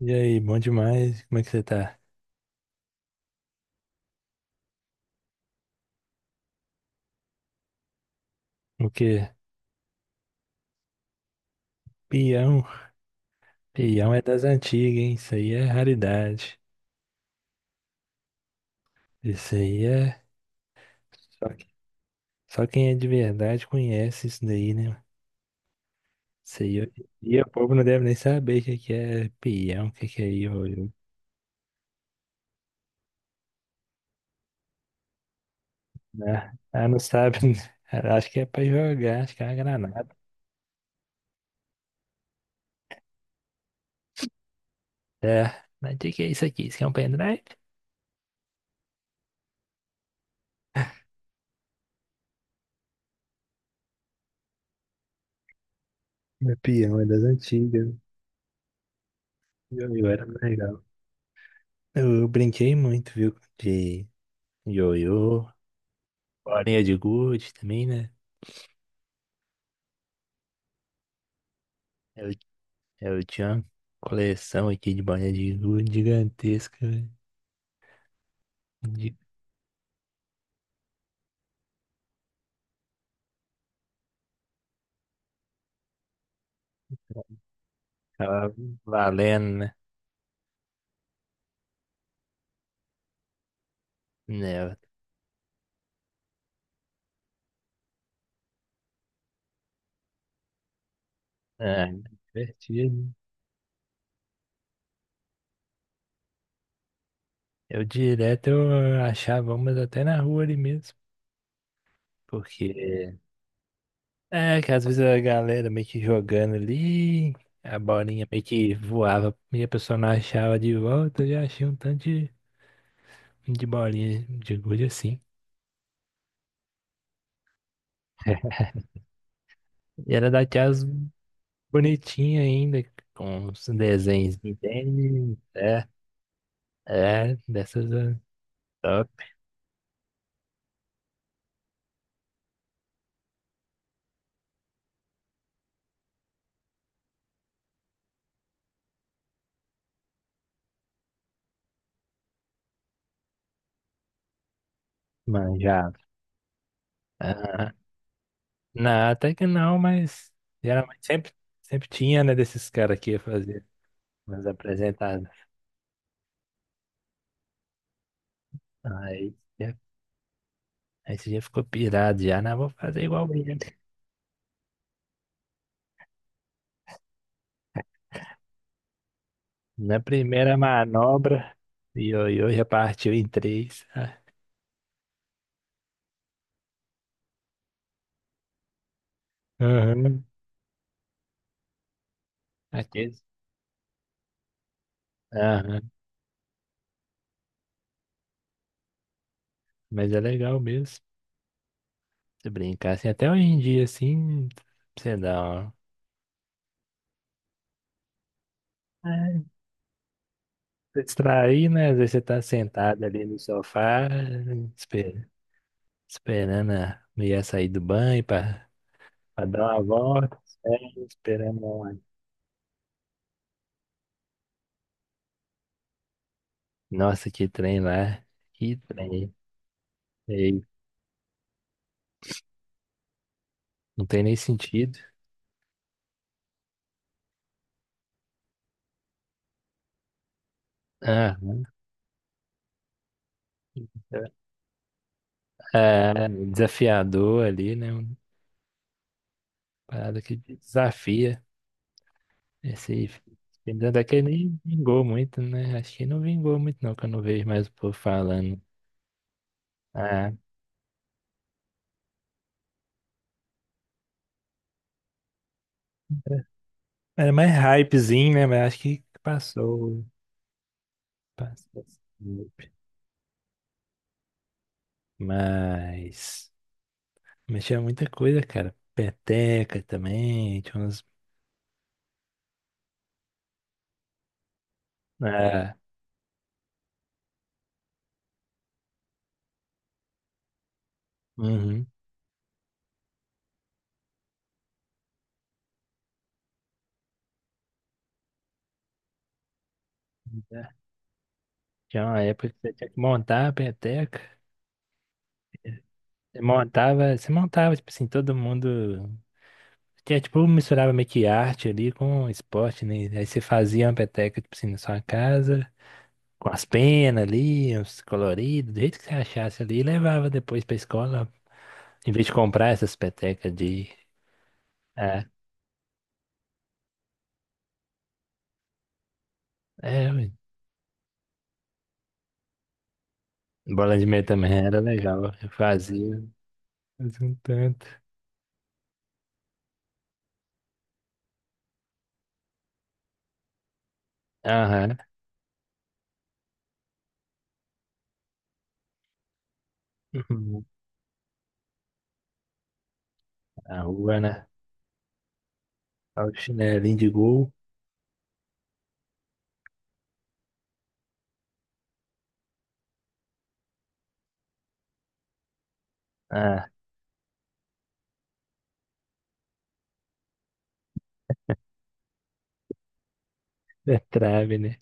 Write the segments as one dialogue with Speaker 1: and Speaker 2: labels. Speaker 1: E aí, bom demais? Como é que você tá? O quê? Peão? Peão é das antigas, hein? Isso aí é raridade. Isso aí é. Só, só quem é de verdade conhece isso daí, né? Isso aí hoje em dia o povo não deve nem saber o que que é peão, o que que é ioiô. Né? Ah, não sabe. Acho que é pra jogar, acho que é uma granada. É. Mas o que que é isso aqui? Isso aqui é um pendrive? É peão, é das antigas. Ioiô era mais legal. Eu brinquei muito, viu? De ioiô. Bolinha de gude também, né? Eu, eu tinha uma coleção aqui de bolinha de gude gigantesca, velho. De ficava valendo, né? Né. É, é divertido. Eu direto eu achava umas até na rua ali mesmo, porque é que às vezes a galera meio que jogando ali, a bolinha meio que voava e a pessoa não achava de volta, eu já achei um tanto de bolinha de gude assim. E era daquelas bonitinha ainda, com os desenhos de tênis, é, é, dessas é, top, manjava. Ah, não, até que não, mas geralmente sempre, sempre tinha, né, desses caras que ia fazer umas apresentadas. Aí, é, aí você já ficou pirado, já, não, vou fazer igual ele. Na primeira manobra, ioiô já partiu em três. Ah, aham, aqueles. Aham, mas é legal mesmo. Se brincar assim, até hoje em dia, assim, você dá uma. É, pra distrair, né? Às vezes você tá sentado ali no sofá, espe- esperando a mulher sair do banho pra, pra dar uma volta, é, esperando uma. Nossa, que trem lá. Que trem. Ei, não tem nem sentido. Ah, é, desafiador ali, né? Uma parada que desafia. Esse filme até que nem vingou muito, né? Acho que não vingou muito, não, que eu não vejo mais o povo falando. Ah, era mais hypezinho, né? Mas acho que passou. Passou esse hype. Mas. Mas tinha muita coisa, cara. Peteca também. Tinha uns. Ah, uhum. Tinha uma época que você tinha que montar a peteca. Tipo assim, todo mundo. Tinha, tipo, misturava meio que arte ali com esporte, né? Aí você fazia uma peteca, tipo assim, na sua casa, com as penas ali, uns coloridos, do jeito que você achasse ali, e levava depois pra escola. Em vez de comprar essas petecas de. É, é, ué. Bola de meia também era legal. Fazia um tanto. Aham. Uhum. A rua, né? Olha o chinelinho de gol. Ah, é trave, né?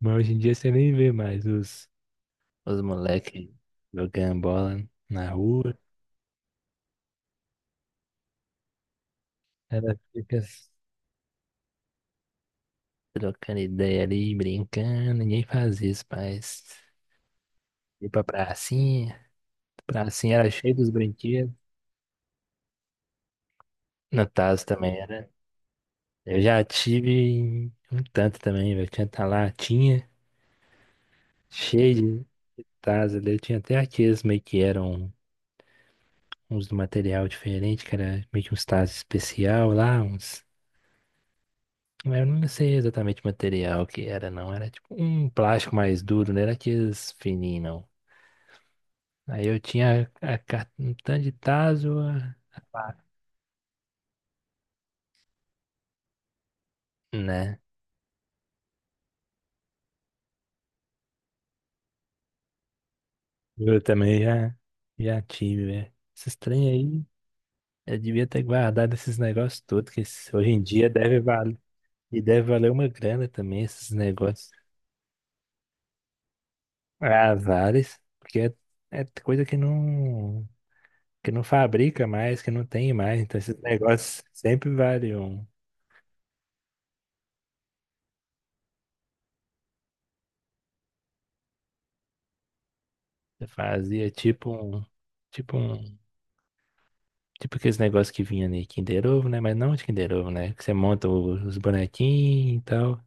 Speaker 1: Mas hoje em dia você nem vê mais os moleques jogando bola na rua. Ela fica trocando ideia ali, brincando. Ninguém faz isso, mas ir pra pracinha. Pracinha era cheia dos brinquedos. No tazo também era. Eu já tive um tanto também, velho. Tinha tá lá, tinha, cheio de tazos ali. Eu tinha até aqueles meio que eram uns do material diferente, que era meio que uns tazos especial lá, uns. Eu não sei exatamente o material que era, não. Era tipo um plástico mais duro, não era aqueles fininhos, não. Aí eu tinha um tanto de tazo, a-. Claro. Né? Eu também já, já tive, velho. Esses trem aí, eu devia ter guardado esses negócios todos, que esse- hoje em dia deve valer. E deve valer uma grana também esses negócios. Ah, vários, porque é, é coisa que não fabrica mais, que não tem mais. Então esses negócios sempre valiam. Você fazia tipo um tipo aqueles negócios que vinha ali, Kinder Ovo, né? Mas não de Kinder Ovo, né? Que você monta os bonequinhos e tal.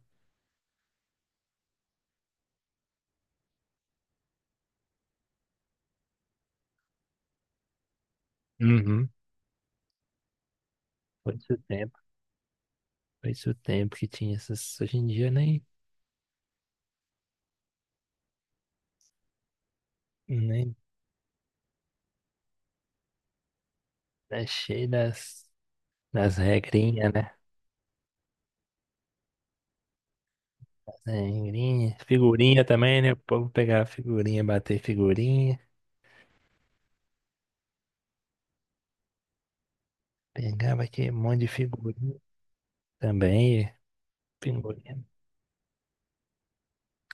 Speaker 1: Uhum. Foi isso o tempo, foi isso o tempo que tinha essas. Hoje em dia nem tá cheio das regrinhas, né? Sangrinha. Figurinha também, né? O povo pegava figurinha, bater figurinha. Pegava aquele monte de figurinha também. Figurinha.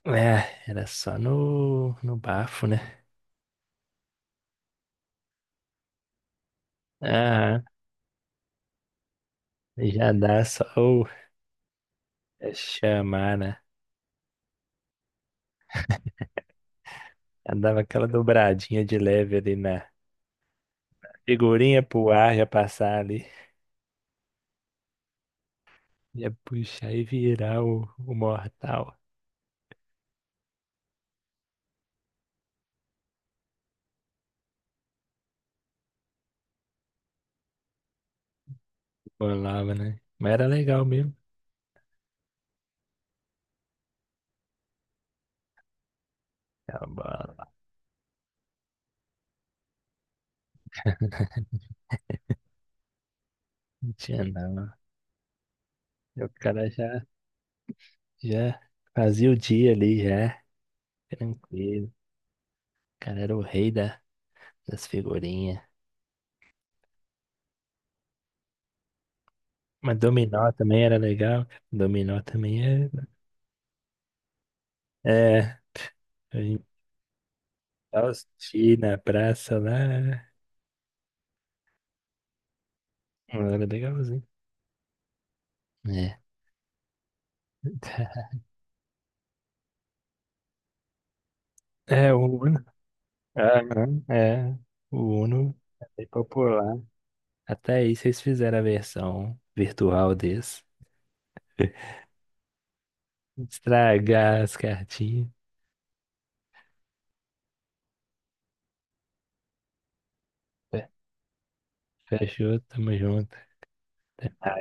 Speaker 1: É, era só no bafo, né? Ah, já dá só o é chamar, né? Já dava aquela dobradinha de leve ali na figurinha pro ar já passar ali. Ia puxar e virar o mortal. Bolava, né? Mas era legal mesmo. Tá bom. Não tinha não. E o cara já. Já fazia o dia ali, já. Tranquilo. O cara era o rei das figurinhas. Mas dominó também era legal. Dominó também era. É, a gente dava os na praça lá. Era legalzinho. É. É, o Uno. Aham, é. O Uno é bem popular. Até aí vocês fizeram a versão virtual desse. Estragar as cartinhas. Fe- Fechou, tamo junto. Ah,